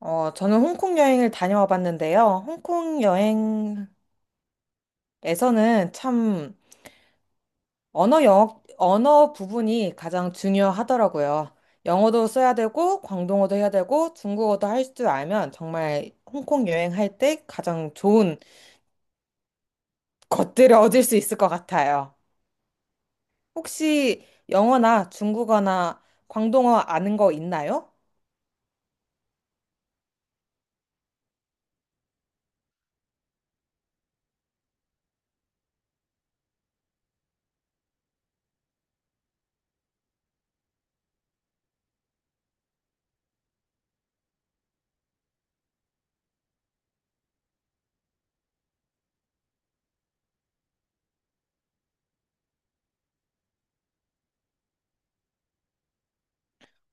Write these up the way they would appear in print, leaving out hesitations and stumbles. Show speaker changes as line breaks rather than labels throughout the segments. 저는 홍콩 여행을 다녀와 봤는데요. 홍콩 여행에서는 참 언어 부분이 가장 중요하더라고요. 영어도 써야 되고, 광동어도 해야 되고, 중국어도 할 줄 알면 정말 홍콩 여행할 때 가장 좋은 것들을 얻을 수 있을 것 같아요. 혹시 영어나 중국어나 광동어 아는 거 있나요?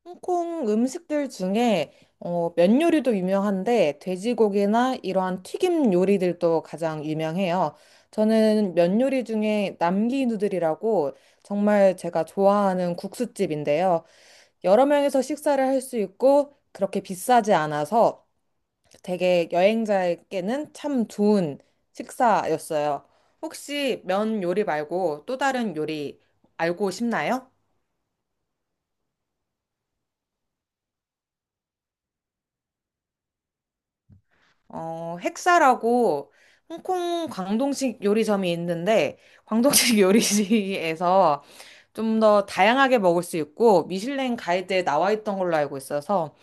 홍콩 음식들 중에 면 요리도 유명한데 돼지고기나 이러한 튀김 요리들도 가장 유명해요. 저는 면 요리 중에 남기 누들이라고 정말 제가 좋아하는 국수집인데요. 여러 명이서 식사를 할 수 있고 그렇게 비싸지 않아서 되게 여행자에게는 참 좋은 식사였어요. 혹시 면 요리 말고 또 다른 요리 알고 싶나요? 핵사라고 홍콩 광동식 요리점이 있는데, 광동식 요리시에서 좀 더 다양하게 먹을 수 있고, 미슐랭 가이드에 나와 있던 걸로 알고 있어서,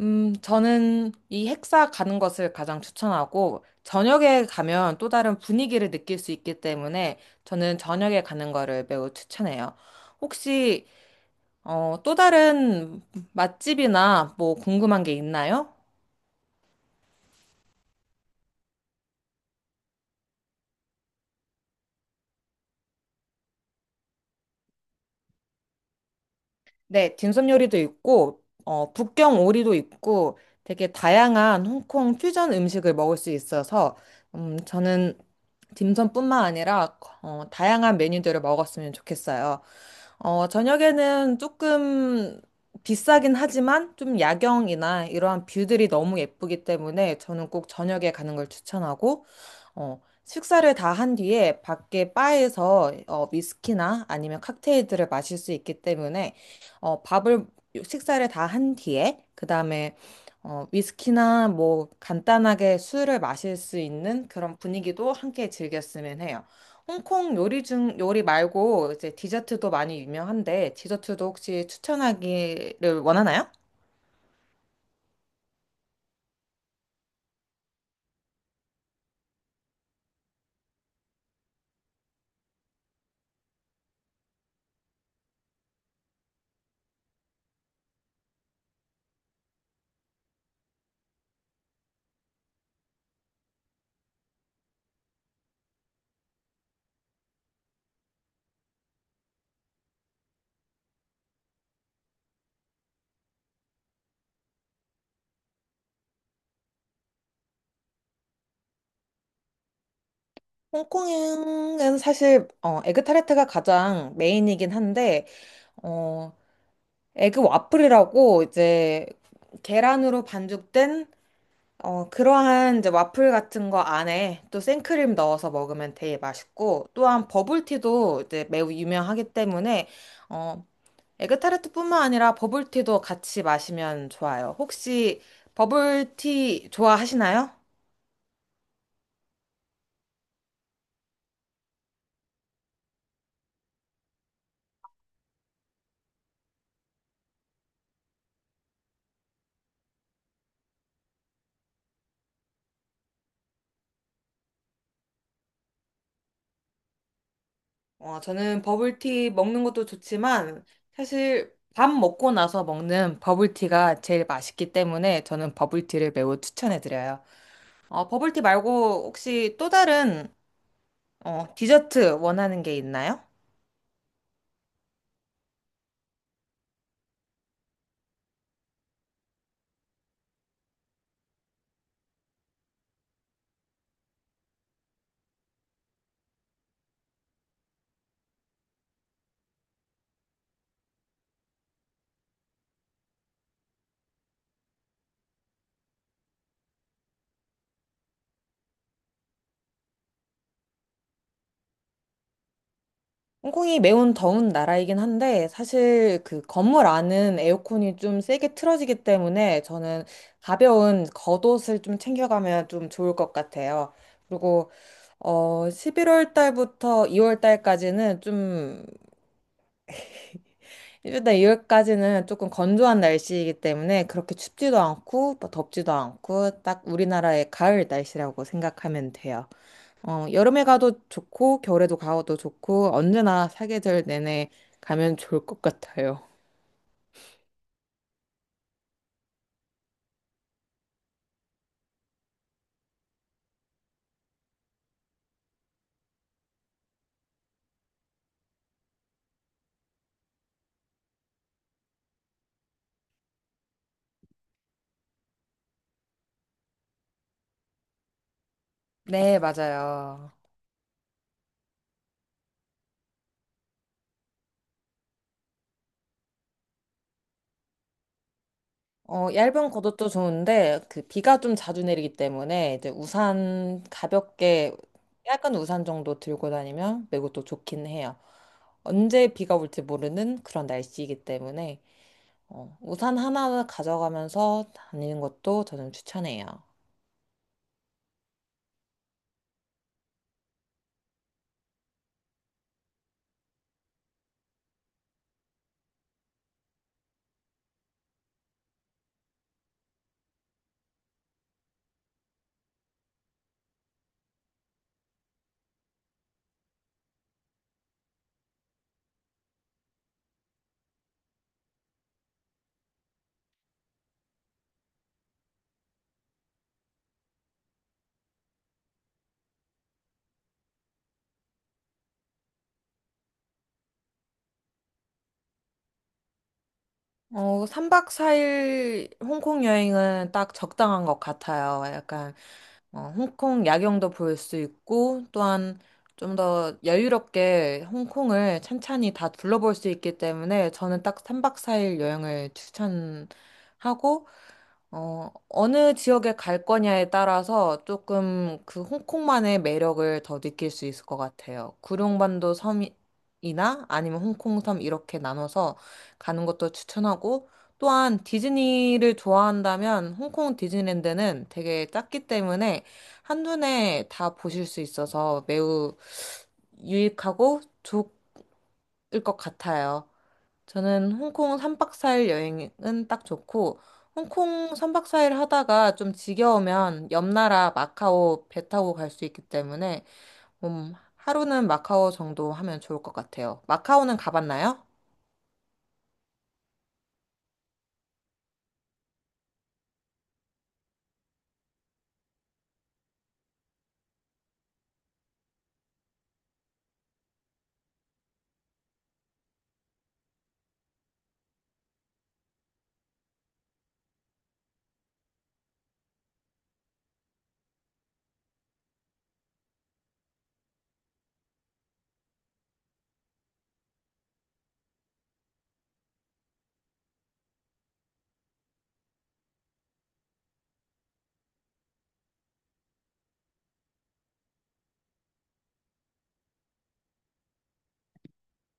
저는 이 핵사 가는 것을 가장 추천하고, 저녁에 가면 또 다른 분위기를 느낄 수 있기 때문에, 저는 저녁에 가는 거를 매우 추천해요. 혹시, 또 다른 맛집이나 뭐 궁금한 게 있나요? 네, 딤섬 요리도 있고, 북경 오리도 있고, 되게 다양한 홍콩 퓨전 음식을 먹을 수 있어서, 저는 딤섬뿐만 아니라, 다양한 메뉴들을 먹었으면 좋겠어요. 어, 저녁에는 조금 비싸긴 하지만, 좀 야경이나 이러한 뷰들이 너무 예쁘기 때문에, 저는 꼭 저녁에 가는 걸 추천하고, 어, 식사를 다 한 뒤에 밖에 바에서 위스키나 아니면 칵테일들을 마실 수 있기 때문에 어, 밥을 식사를 다 한 뒤에 그다음에 위스키나 뭐 간단하게 술을 마실 수 있는 그런 분위기도 함께 즐겼으면 해요. 홍콩 요리 중 요리 말고 이제 디저트도 많이 유명한데 디저트도 혹시 추천하기를 원하나요? 홍콩은 사실 에그타르트가 가장 메인이긴 한데 어, 에그 와플이라고 이제 계란으로 반죽된 그러한 이제 와플 같은 거 안에 또 생크림 넣어서 먹으면 되게 맛있고 또한 버블티도 이제 매우 유명하기 때문에 어, 에그타르트뿐만 아니라 버블티도 같이 마시면 좋아요. 혹시 버블티 좋아하시나요? 저는 버블티 먹는 것도 좋지만 사실 밥 먹고 나서 먹는 버블티가 제일 맛있기 때문에 저는 버블티를 매우 추천해드려요. 어, 버블티 말고 혹시 또 다른 디저트 원하는 게 있나요? 홍콩이 매운 더운 나라이긴 한데 사실 그 건물 안은 에어컨이 좀 세게 틀어지기 때문에 저는 가벼운 겉옷을 좀 챙겨가면 좀 좋을 것 같아요. 그리고 어 11월 달부터 2월 달까지는 좀 일단 2월까지는 조금 건조한 날씨이기 때문에 그렇게 춥지도 않고 뭐 덥지도 않고 딱 우리나라의 가을 날씨라고 생각하면 돼요. 어, 여름에 가도 좋고, 겨울에도 가도 좋고, 언제나 사계절 내내 가면 좋을 것 같아요. 네, 맞아요. 어, 얇은 겉옷도 좋은데, 그 비가 좀 자주 내리기 때문에, 이제 우산 가볍게, 약간 우산 정도 들고 다니면 매우 또 좋긴 해요. 언제 비가 올지 모르는 그런 날씨이기 때문에, 우산 하나 가져가면서 다니는 것도 저는 추천해요. 3박 4일 홍콩 여행은 딱 적당한 것 같아요. 홍콩 야경도 볼 수 있고, 또한 좀 더 여유롭게 홍콩을 찬찬히 다 둘러볼 수 있기 때문에 저는 딱 3박 4일 여행을 추천하고, 어느 지역에 갈 거냐에 따라서 조금 그 홍콩만의 매력을 더 느낄 수 있을 것 같아요. 구룡반도 섬이나 아니면 홍콩섬 이렇게 나눠서 가는 것도 추천하고 또한 디즈니를 좋아한다면 홍콩 디즈니랜드는 되게 작기 때문에 한눈에 다 보실 수 있어서 매우 유익하고 좋을 것 같아요. 저는 홍콩 3박 4일 여행은 딱 좋고, 홍콩 3박 4일 하다가 좀 지겨우면 옆 나라 마카오 배 타고 갈 수 있기 때문에, 하루는 마카오 정도 하면 좋을 것 같아요. 마카오는 가봤나요?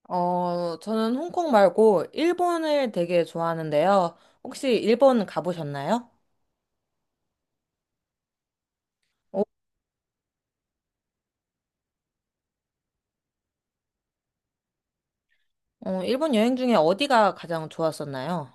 저는 홍콩 말고 일본을 되게 좋아하는데요. 혹시 일본 가보셨나요? 어, 일본 여행 중에 어디가 가장 좋았었나요?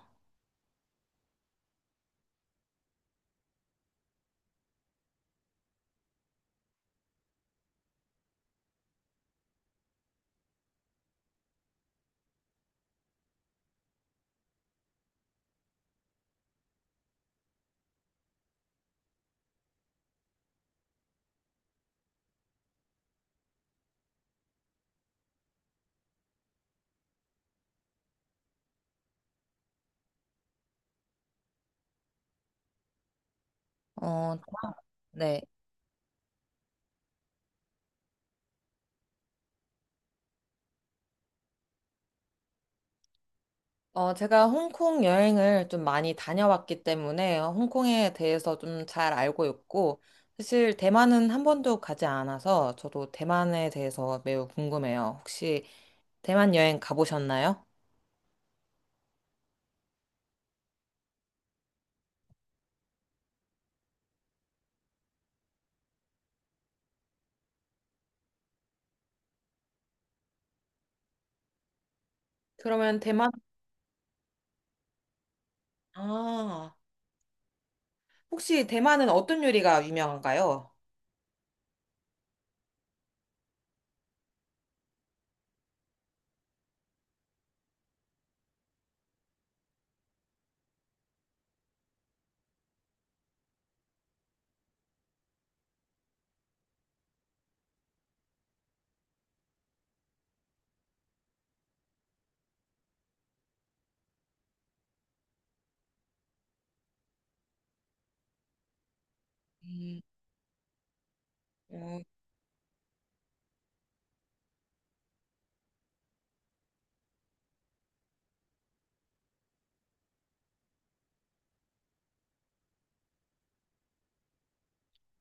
어, 네. 제가 홍콩 여행을 좀 많이 다녀왔기 때문에 홍콩에 대해서 좀 잘 알고 있고, 사실 대만은 한 번도 가지 않아서 저도 대만에 대해서 매우 궁금해요. 혹시 대만 여행 가보셨나요? 그러면 대만, 아, 혹시 대만은 어떤 요리가 유명한가요? 음, 음,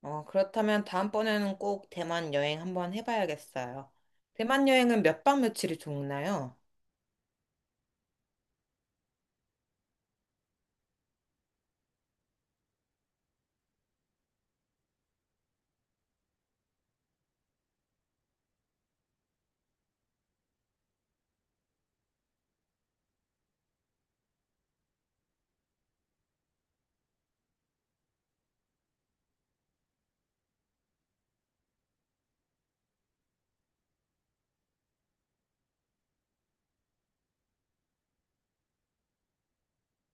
그렇다면 다음번에는 꼭 대만 여행 한번 해봐야겠어요. 대만 여행은 몇 박 며칠이 좋나요?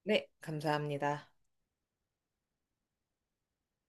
네, 감사합니다.